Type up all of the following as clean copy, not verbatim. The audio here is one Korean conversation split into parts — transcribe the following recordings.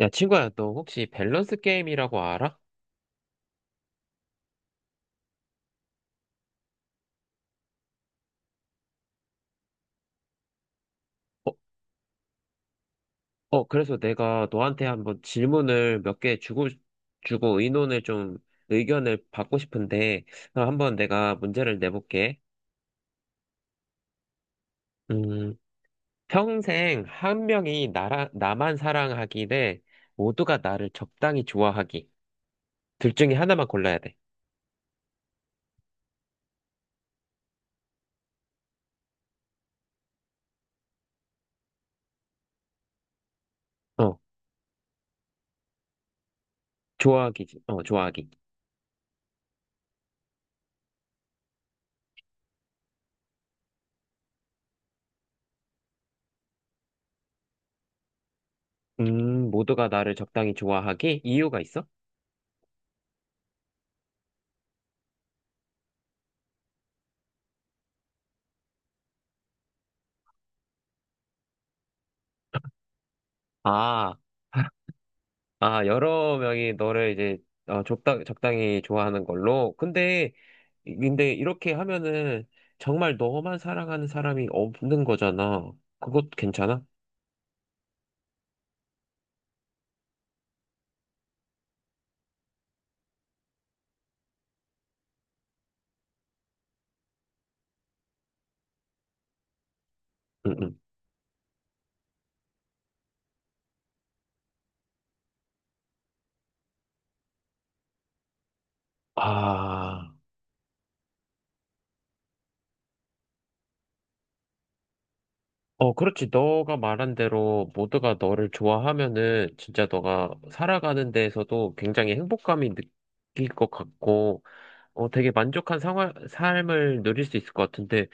야, 친구야, 너 혹시 밸런스 게임이라고 알아? 어, 그래서 내가 너한테 한번 질문을 몇 개 주고 의논을 의견을 받고 싶은데, 한번 내가 문제를 내볼게. 음, 평생 한 명이 나만 사랑하기 대 모두가 나를 적당히 좋아하기. 둘 중에 하나만 골라야 돼. 어, 좋아하기지. 어, 좋아하기. 모두가 나를 적당히 좋아하기? 이유가 있어? 아. 아, 여러 명이 너를 이제 적당히 좋아하는 걸로. 근데 이렇게 하면은 정말 너만 사랑하는 사람이 없는 거잖아. 그것 괜찮아? 응, 응. 아, 어, 그렇지. 너가 말한 대로 모두가 너를 좋아하면은 진짜 너가 살아가는 데에서도 굉장히 행복감이 느낄 것 같고, 되게 만족한 생활, 삶을 누릴 수 있을 것 같은데,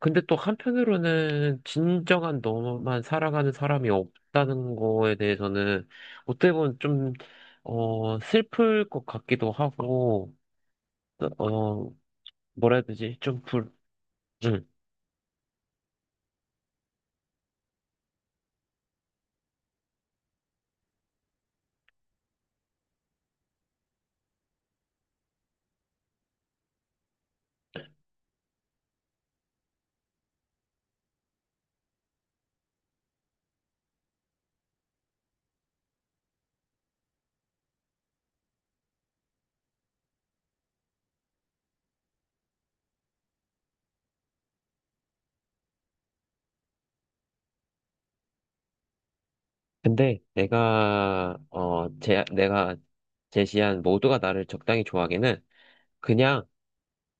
근데 또 한편으로는 진정한 너만 살아가는 사람이 없다는 거에 대해서는 어떻게 보면 어, 슬플 것 같기도 하고, 어, 뭐라 해야 되지? 음. 근데 내가 제시한 모두가 나를 적당히 좋아하기는 그냥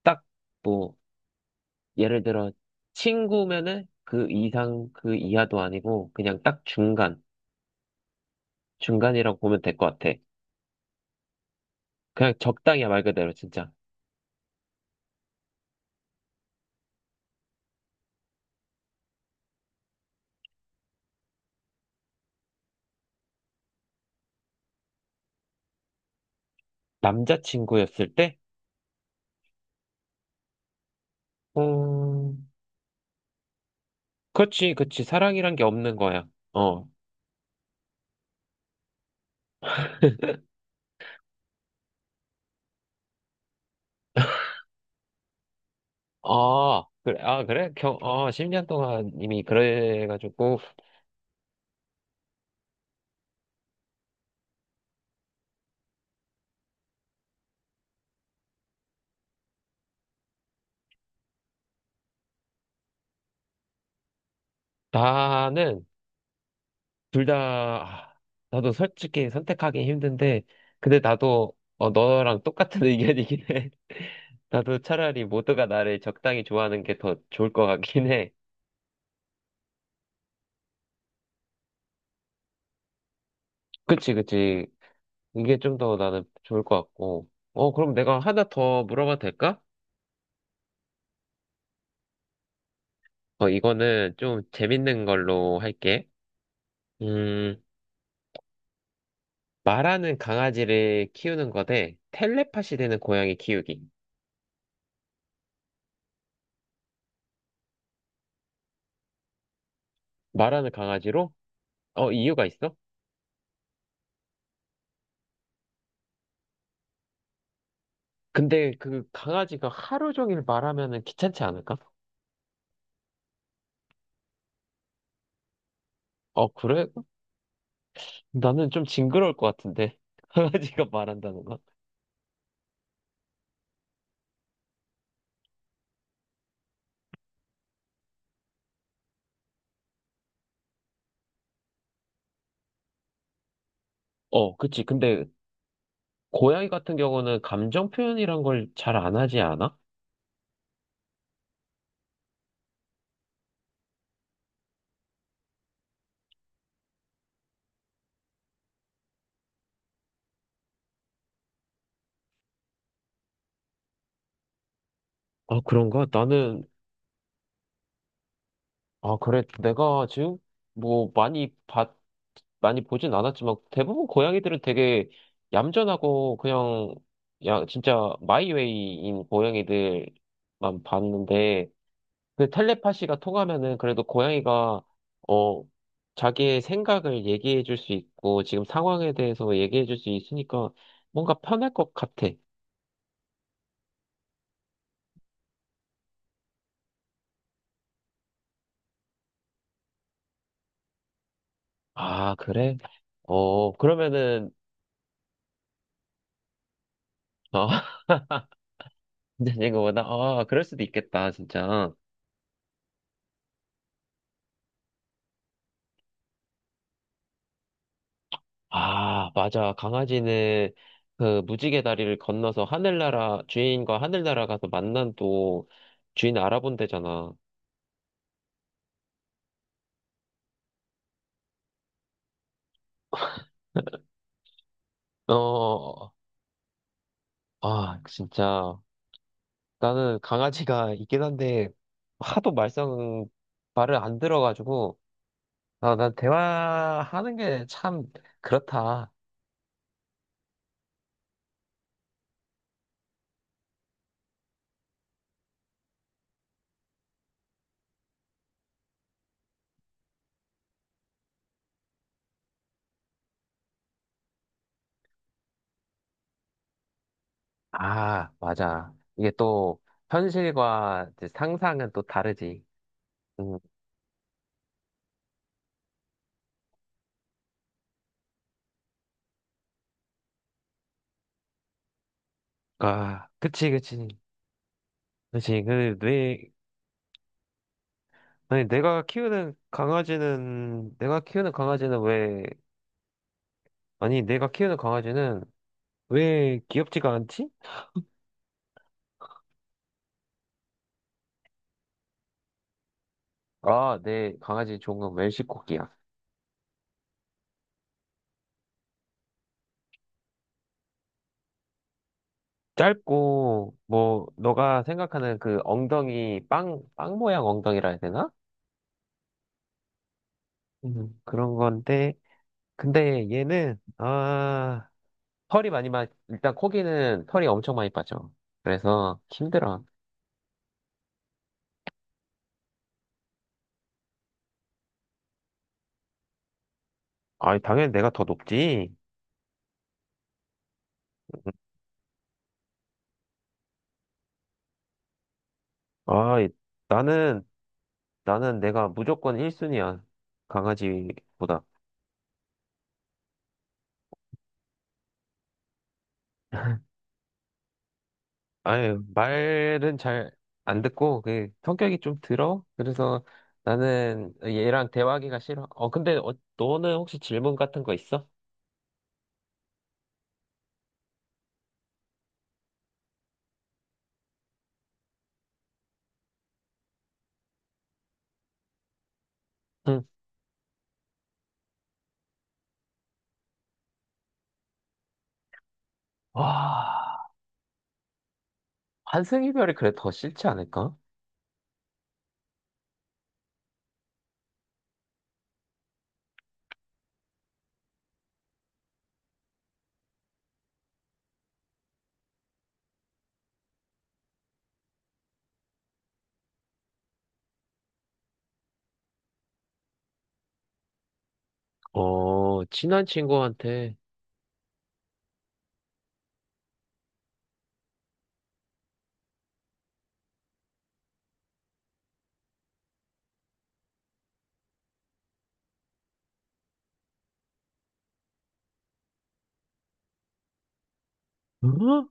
딱뭐 예를 들어 친구면은 그 이상 그 이하도 아니고 그냥 딱 중간이라고 보면 될 것 같아. 그냥 적당이야 말 그대로 진짜 남자친구였을 때, 어, 그렇지 그렇지 사랑이란 게 없는 거야. 어, 아 그래 아 그래 겨, 어 10년 동안 이미 그래가지고 나는 둘 다 아, 나도 솔직히 선택하기 힘든데 근데 나도 너랑 똑같은 의견이긴 해. 나도 차라리 모두가 나를 적당히 좋아하는 게 더 좋을 것 같긴 해. 그치, 그치. 이게 좀 더 나는 좋을 것 같고. 어, 그럼 내가 하나 더 물어봐도 될까? 어, 이거는 좀 재밌는 걸로 할게. 음, 말하는 강아지를 키우는 거대 텔레파시 되는 고양이 키우기. 말하는 강아지로? 어, 이유가 있어? 근데 그 강아지가 하루 종일 말하면은 귀찮지 않을까? 어, 그래? 나는 좀 징그러울 것 같은데. 강아지가 말한다는 건? 어, 그치. 근데 고양이 같은 경우는 감정 표현이란 걸 잘 안 하지 않아? 아, 그런가? 아, 그래. 내가 지금 뭐 많이 봤, 많이 보진 않았지만 대부분 고양이들은 되게 얌전하고, 야, 진짜 마이웨이인 고양이들만 봤는데 그 텔레파시가 통하면은 그래도 어, 자기의 생각을 얘기해 줄 수 있고 지금 상황에 대해서 얘기해 줄 수 있으니까 뭔가 편할 것 같아. 아, 그래? 어, 그러면은, 어, 이제 이거보다, 아, 그럴 수도 있겠다, 진짜. 아, 맞아. 강아지는 그 무지개 다리를 건너서 하늘나라, 주인과 하늘나라 가서 만난 또 주인 알아본대잖아. 어, 아, 진짜. 나는 강아지가 있긴 한데, 하도 말썽 말을 안 들어가지고, 아, 난 대화하는 게 참 그렇다. 아, 맞아. 이게 또 현실과 이제 상상은 또 다르지. 음, 아, 그치. 아니 내가 키우는 강아지는 내가 키우는 강아지는 왜 아니 내가 키우는 강아지는 왜 귀엽지가 않지? 아, 내 강아지 종은 웰시코기야. 짧고 뭐 너가 생각하는 그 엉덩이 빵 모양 엉덩이라 해야 되나? 그런 건데 근데 얘는 아. 일단 코기는 털이 엄청 많이 빠져. 그래서 힘들어. 아, 당연히 내가 더 높지. 아, 나는, 나는 내가 무조건 1순위야. 강아지보다. 아유, 말은 잘 안 듣고, 성격이 좀 들어? 그래서 나는 얘랑 대화하기가 싫어. 어, 근데 어, 너는 혹시 질문 같은 거 있어? 응. 와, 환승 이별이 그래 더 싫지 않을까? 어, 친한 친구한테. 응?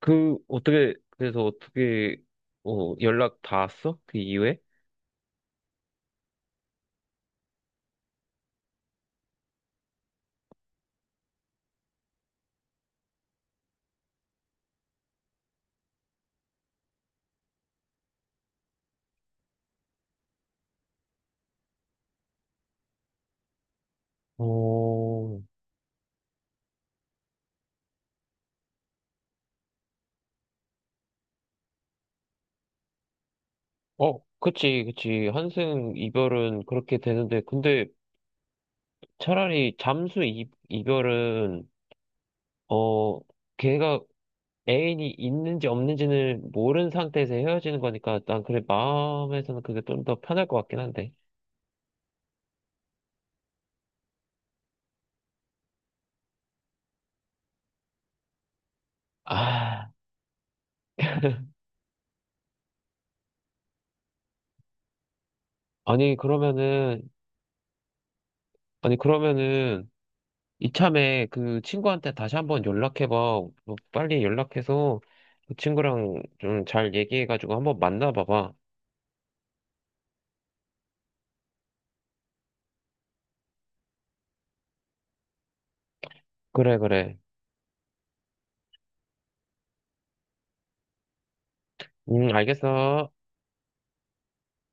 그래서 어, 연락 닿았어? 그 이후에? 어, 어, 그치, 그치. 한승 이별은 그렇게 되는데, 근데 차라리 이별은, 어, 걔가 애인이 있는지 없는지는 모르는 상태에서 헤어지는 거니까, 난 그래, 마음에서는 그게 좀 더 편할 것 같긴 한데. 아, 아니, 그러면은, 아니, 그러면은, 이참에 그 친구한테 다시 한번 연락해봐. 뭐 빨리 연락해서 그 친구랑 좀 잘 얘기해가지고 한번 만나봐봐. 그래, 그래. 응, 알겠어.